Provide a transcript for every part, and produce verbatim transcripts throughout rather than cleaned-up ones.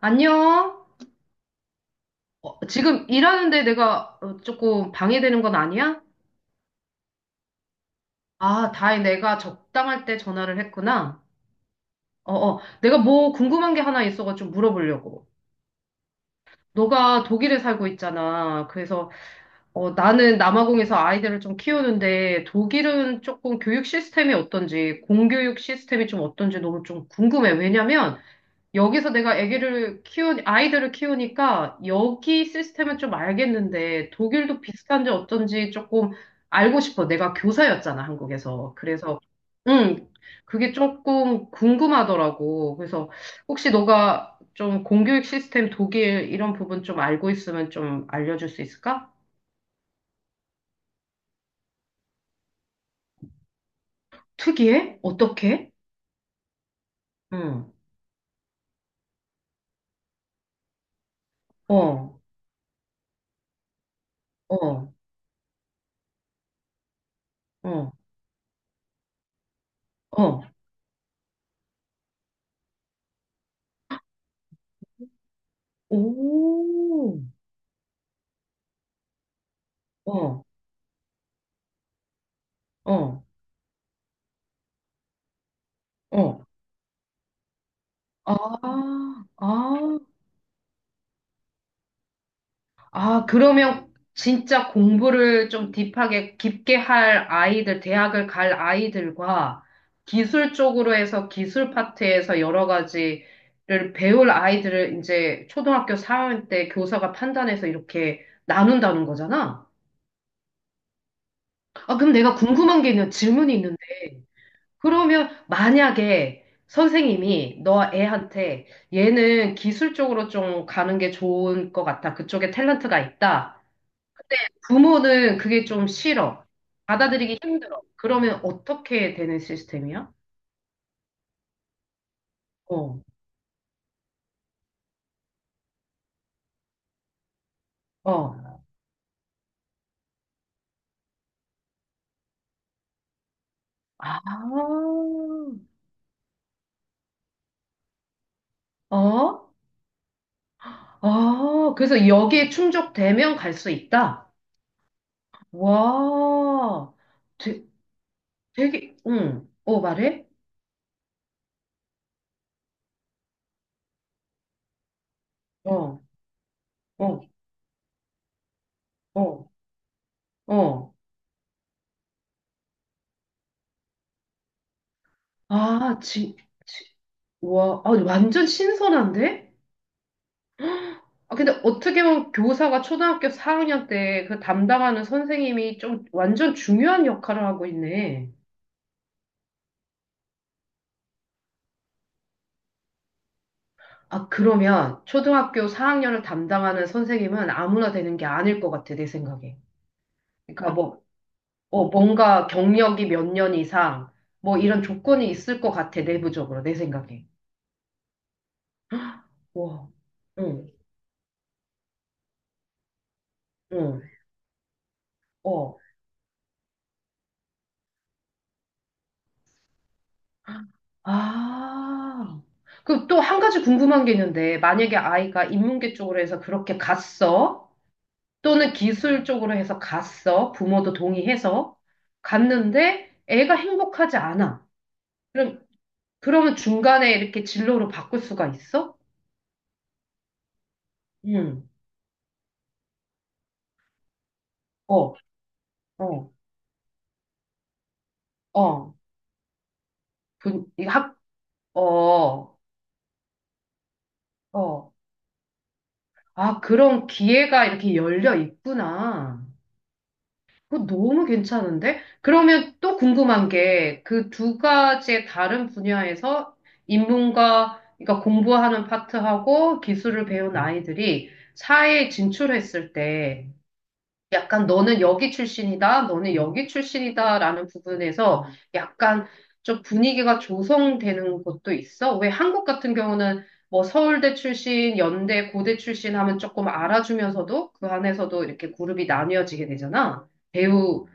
안녕? 어, 지금 일하는데 내가 어, 조금 방해되는 건 아니야? 아, 다행 내가 적당할 때 전화를 했구나. 어, 어. 내가 뭐 궁금한 게 하나 있어가지고 물어보려고. 너가 독일에 살고 있잖아. 그래서 어, 나는 남아공에서 아이들을 좀 키우는데 독일은 조금 교육 시스템이 어떤지, 공교육 시스템이 좀 어떤지 너무 좀 궁금해. 왜냐면 여기서 내가 아기를 키우, 아이들을 키우니까 여기 시스템은 좀 알겠는데 독일도 비슷한지 어쩐지 조금 알고 싶어. 내가 교사였잖아, 한국에서. 그래서, 음 그게 조금 궁금하더라고. 그래서 혹시 너가 좀 공교육 시스템 독일 이런 부분 좀 알고 있으면 좀 알려줄 수 있을까? 특이해? 어떻게? 응, 어, 어, 어, 어, 오, 어, 어, 어. 아, 아, 아, 그러면 진짜 공부를 좀 딥하게 깊게 할 아이들, 대학을 갈 아이들과 기술 쪽으로 해서 기술 파트에서 여러 가지를 배울 아이들을 이제 초등학교 사 학년 때 교사가 판단해서 이렇게 나눈다는 거잖아. 아, 그럼 내가 궁금한 게 있는 질문이 있는데, 그러면 만약에 선생님이 너 애한테 얘는 기술적으로 좀 가는 게 좋은 것 같아. 그쪽에 탤런트가 있다. 근데 부모는 그게 좀 싫어. 받아들이기 힘들어. 그러면 어떻게 되는 시스템이야? 어, 어. 아, 어? 아, 그래서 여기에 충족되면 갈 수 있다. 와, 되, 되게, 응, 어, 말해? 어, 어, 어, 어. 아, 지, 지, 와, 아, 완전 신선한데? 아, 근데 어떻게 보면 교사가 초등학교 사 학년 때 그 담당하는 선생님이 좀 완전 중요한 역할을 하고 있네. 아, 그러면 초등학교 사 학년을 담당하는 선생님은 아무나 되는 게 아닐 것 같아, 내 생각에. 그러니까 뭐, 어, 뭔가 경력이 몇 년 이상, 뭐 이런 조건이 있을 것 같아, 내부적으로, 내 생각에. 와, 응, 응, 어. 아, 그 또 한 가지 궁금한 게 있는데, 만약에 아이가 인문계 쪽으로 해서 그렇게 갔어, 또는 기술 쪽으로 해서 갔어, 부모도 동의해서 갔는데 애가 행복하지 않아. 그럼, 그러면 중간에 이렇게 진로로 바꿀 수가 있어? 응, 어, 어, 어, 분, 이 학, 어, 어. 아, 그런 기회가 이렇게 열려 있구나. 그거 너무 괜찮은데? 그러면 또 궁금한 게 그 두 가지의 다른 분야에서 인문과, 그러니까 공부하는 파트하고 기술을 배운 아이들이 사회에 진출했을 때 약간 너는 여기 출신이다, 너는 여기 출신이다라는 부분에서 약간 좀 분위기가 조성되는 것도 있어? 왜 한국 같은 경우는 뭐 서울대 출신, 연대, 고대 출신 하면 조금 알아주면서도 그 안에서도 이렇게 그룹이 나뉘어지게 되잖아. 배우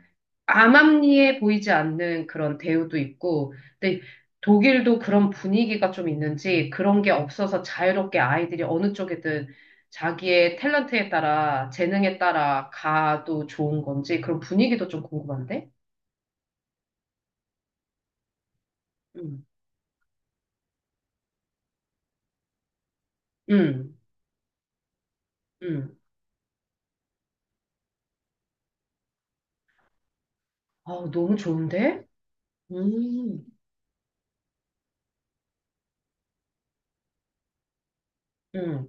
암암리에 보이지 않는 그런 대우도 있고, 근데 독일도 그런 분위기가 좀 있는지 그런 게 없어서 자유롭게 아이들이 어느 쪽이든 자기의 탤런트에 따라 재능에 따라 가도 좋은 건지 그런 분위기도 좀 궁금한데? 음, 음, 음. 아, 너무 좋은데? 음, 음,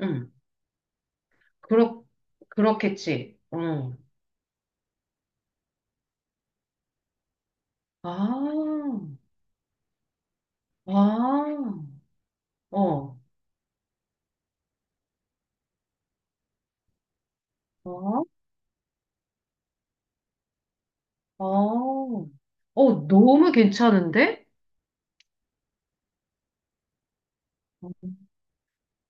음. 그렇, 그렇겠지. 어. 아, 아, 어. 어. 어, 어, 너무 괜찮은데?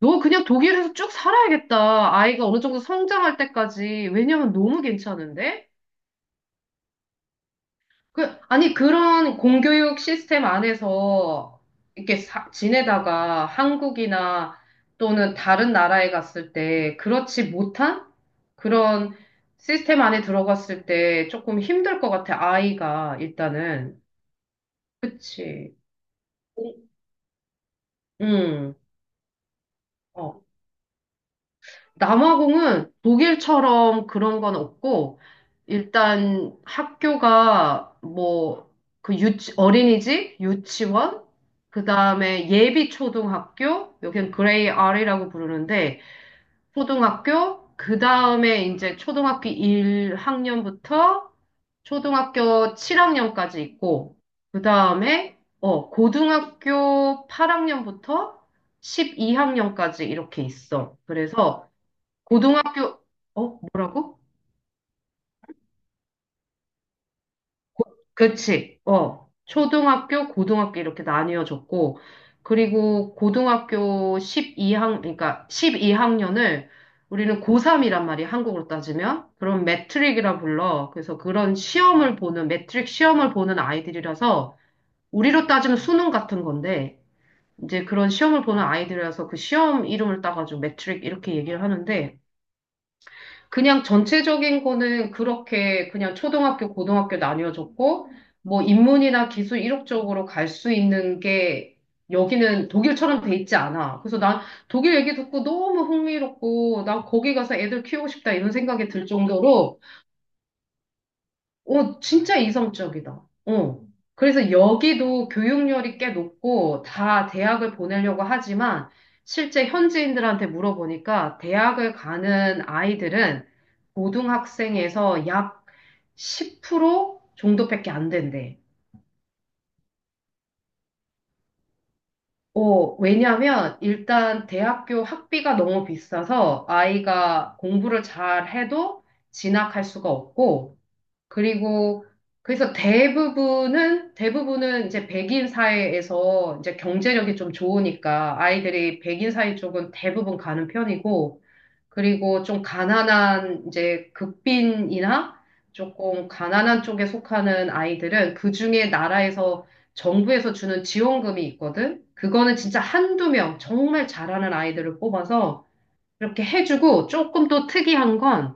너 그냥 독일에서 쭉 살아야겠다. 아이가 어느 정도 성장할 때까지. 왜냐면 너무 괜찮은데? 그, 아니, 그런 공교육 시스템 안에서 이렇게 사- 지내다가 한국이나 또는 다른 나라에 갔을 때 그렇지 못한 그런 시스템 안에 들어갔을 때 조금 힘들 것 같아, 아이가 일단은. 그치. 응. 어. 남아공은 독일처럼 그런 건 없고, 일단 학교가 뭐, 그 유치, 어린이집, 유치원, 그 다음에 예비 초등학교, 여긴 그레이 R이라고 부르는데, 초등학교, 그 다음에 이제 초등학교 일 학년부터 초등학교 칠 학년까지 있고, 그 다음에, 어, 고등학교 팔 학년부터 십이 학년까지 이렇게 있어. 그래서, 고등학교, 어, 뭐라고? 그치, 어. 초등학교, 고등학교 이렇게 나뉘어졌고, 그리고 고등학교 십이 학 그러니까 십이 학년을 우리는 고삼이란 말이 야 한국으로 따지면, 그런 매트릭이라 불러. 그래서 그런 시험을 보는, 매트릭 시험을 보는 아이들이라서, 우리로 따지면 수능 같은 건데, 이제 그런 시험을 보는 아이들이라서 그 시험 이름을 따가지고 매트릭 이렇게 얘기를 하는데, 그냥 전체적인 거는 그렇게 그냥 초등학교, 고등학교 나뉘어졌고, 뭐 인문이나 기술 이력적으로 갈 수 있는 게 여기는 독일처럼 돼 있지 않아. 그래서 난 독일 얘기 듣고 너무 흥미롭고, 난 거기 가서 애들 키우고 싶다 이런 생각이 들 정도로 어, 진짜 이성적이다. 어. 그래서 여기도 교육열이 꽤 높고 다 대학을 보내려고 하지만 실제 현지인들한테 물어보니까 대학을 가는 아이들은 고등학생에서 약 십 퍼센트 정도밖에 안 된대. 어, 왜냐면 일단 대학교 학비가 너무 비싸서 아이가 공부를 잘 해도 진학할 수가 없고 그리고 그래서 대부분은 대부분은 이제 백인 사회에서 이제 경제력이 좀 좋으니까 아이들이 백인 사회 쪽은 대부분 가는 편이고 그리고 좀 가난한 이제 극빈이나 조금 가난한 쪽에 속하는 아이들은 그중에 나라에서 정부에서 주는 지원금이 있거든. 그거는 진짜 한두 명 정말 잘하는 아이들을 뽑아서 이렇게 해주고 조금 또 특이한 건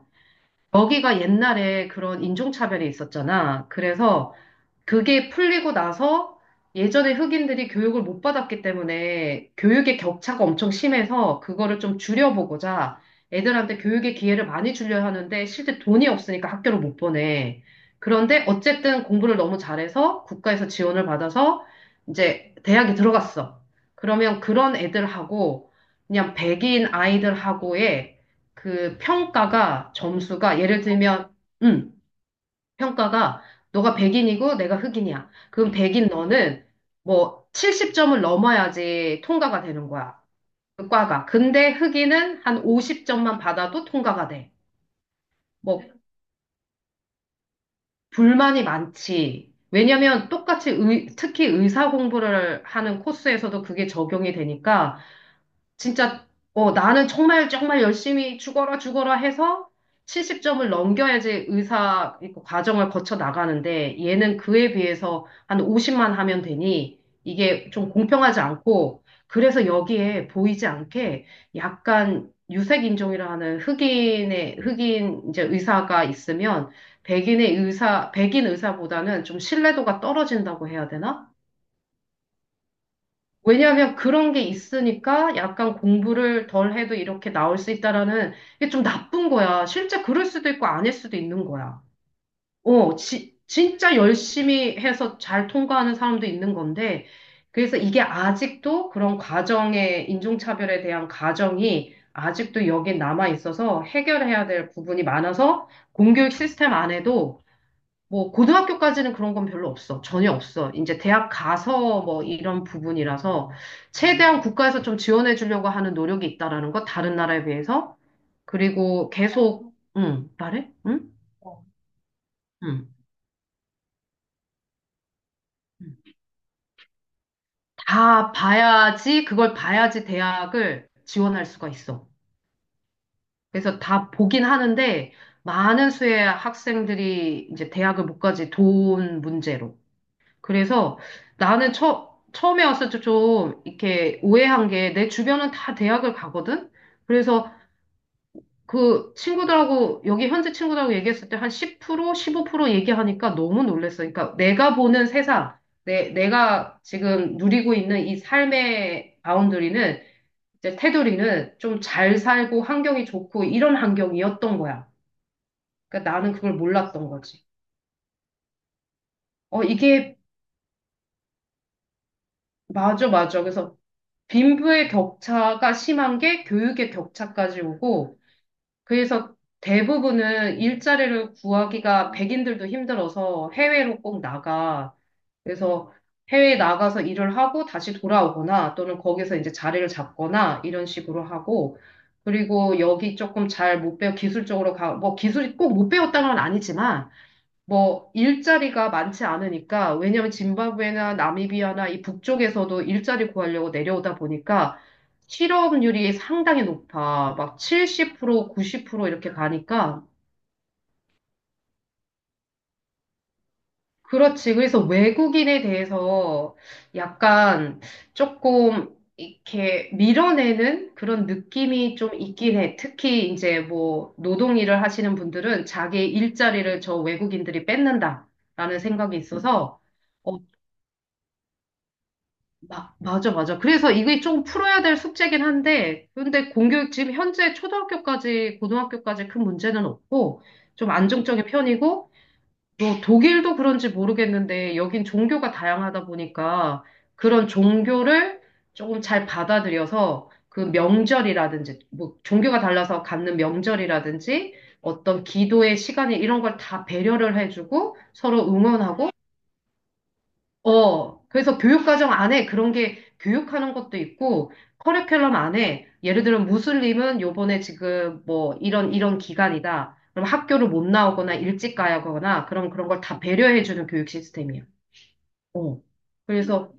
거기가 옛날에 그런 인종차별이 있었잖아. 그래서 그게 풀리고 나서 예전에 흑인들이 교육을 못 받았기 때문에 교육의 격차가 엄청 심해서 그거를 좀 줄여보고자 애들한테 교육의 기회를 많이 주려 하는데 실제 돈이 없으니까 학교를 못 보내. 그런데 어쨌든 공부를 너무 잘해서 국가에서 지원을 받아서 이제 대학에 들어갔어. 그러면 그런 애들하고 그냥 백인 아이들하고의 그 평가가 점수가 예를 들면 음, 평가가 너가 백인이고 내가 흑인이야. 그럼 백인 너는 뭐 칠십 점을 넘어야지 통과가 되는 거야. 그 과가. 근데 흑인은 한 오십 점만 받아도 통과가 돼. 뭐 불만이 많지. 왜냐면 똑같이 의- 특히 의사 공부를 하는 코스에서도 그게 적용이 되니까 진짜 어, 나는 정말 정말 열심히 죽어라 죽어라 해서 칠십 점을 넘겨야지 의사 그 과정을 거쳐 나가는데 얘는 그에 비해서 한 오십만 하면 되니 이게 좀 공평하지 않고 그래서 여기에 보이지 않게 약간 유색인종이라는 흑인의 흑인 이제 의사가 있으면 백인의 의사 백인 의사보다는 좀 신뢰도가 떨어진다고 해야 되나? 왜냐하면 그런 게 있으니까 약간 공부를 덜 해도 이렇게 나올 수 있다라는 이게 좀 나쁜 거야. 실제 그럴 수도 있고 아닐 수도 있는 거야. 어, 지- 진짜 열심히 해서 잘 통과하는 사람도 있는 건데, 그래서 이게 아직도 그런 과정의 인종차별에 대한 가정이 아직도 여기 남아 있어서 해결해야 될 부분이 많아서 공교육 시스템 안에도 뭐 고등학교까지는 그런 건 별로 없어. 전혀 없어. 이제 대학 가서 뭐 이런 부분이라서 최대한 국가에서 좀 지원해 주려고 하는 노력이 있다라는 거 다른 나라에 비해서 그리고 계속 응, 말해? 응? 응. 다 봐야지 그걸 봐야지 대학을 지원할 수가 있어. 그래서 다 보긴 하는데 많은 수의 학생들이 이제 대학을 못 가지 돈 문제로. 그래서 나는 처, 처음에 왔을 때 좀 이렇게 오해한 게 내 주변은 다 대학을 가거든? 그래서 그 친구들하고, 여기 현재 친구들하고 얘기했을 때 한 십 퍼센트, 십오 퍼센트 얘기하니까 너무 놀랬어. 그러니까 내가 보는 세상, 내, 내가 지금 누리고 있는 이 삶의 바운더리는, 이제 테두리는 좀 잘 살고 환경이 좋고 이런 환경이었던 거야. 그러니까 나는 그걸 몰랐던 거지. 어, 이게 맞아, 맞아. 그래서 빈부의 격차가 심한 게 교육의 격차까지 오고, 그래서 대부분은 일자리를 구하기가 백인들도 힘들어서 해외로 꼭 나가. 그래서 해외에 나가서 일을 하고 다시 돌아오거나 또는 거기서 이제 자리를 잡거나 이런 식으로 하고, 그리고 여기 조금 잘 못 배워 기술적으로 가, 뭐 기술이 꼭 못 배웠다는 건 아니지만, 뭐 일자리가 많지 않으니까 왜냐면 짐바브웨나 나미비아나 이 북쪽에서도 일자리 구하려고 내려오다 보니까 실업률이 상당히 높아. 막 칠십 퍼센트, 구십 퍼센트 이렇게 가니까 그렇지. 그래서 외국인에 대해서 약간 조금 이렇게 밀어내는 그런 느낌이 좀 있긴 해. 특히 이제 뭐 노동 일을 하시는 분들은 자기 일자리를 저 외국인들이 뺏는다라는 생각이 있어서 어, 마, 맞아, 맞아. 그래서 이게 좀 풀어야 될 숙제긴 한데, 근데 공교육 지금 현재 초등학교까지, 고등학교까지 큰 문제는 없고, 좀 안정적인 편이고, 뭐 독일도 그런지 모르겠는데, 여긴 종교가 다양하다 보니까, 그런 종교를 조금 잘 받아들여서, 그 명절이라든지, 뭐 종교가 달라서 갖는 명절이라든지, 어떤 기도의 시간이 이런 걸 다 배려를 해주고, 서로 응원하고, 어, 그래서 교육과정 안에 그런 게 교육하는 것도 있고, 커리큘럼 안에, 예를 들면 무슬림은 요번에 지금 뭐 이런, 이런 기간이다. 그럼 학교를 못 나오거나 일찍 가야 하거나, 그런, 그런 걸 다 배려해주는 교육 시스템이야. 어. 그래서,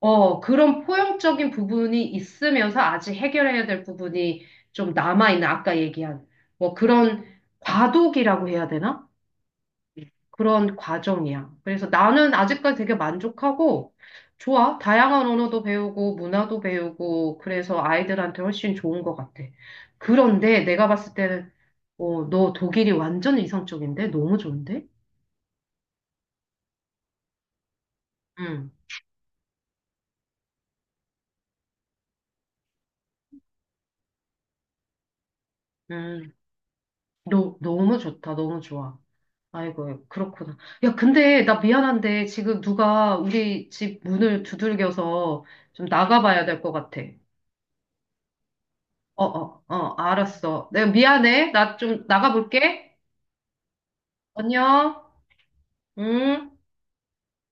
어, 그런 포용적인 부분이 있으면서 아직 해결해야 될 부분이 좀 남아있는, 아까 얘기한, 뭐 그런 과도기라고 해야 되나? 그런 과정이야. 그래서 나는 아직까지 되게 만족하고 좋아. 다양한 언어도 배우고 문화도 배우고 그래서 아이들한테 훨씬 좋은 것 같아. 그런데 내가 봤을 때는 어, 너 독일이 완전 이상적인데? 너무 좋은데? 응, 응. 너, 너무 좋다. 너무 좋아. 아이고, 그렇구나. 야, 근데 나 미안한데 지금 누가 우리 집 문을 두들겨서 좀 나가봐야 될 것 같아. 어, 어, 어, 알았어. 내가 미안해. 나 좀 나가볼게. 안녕. 응?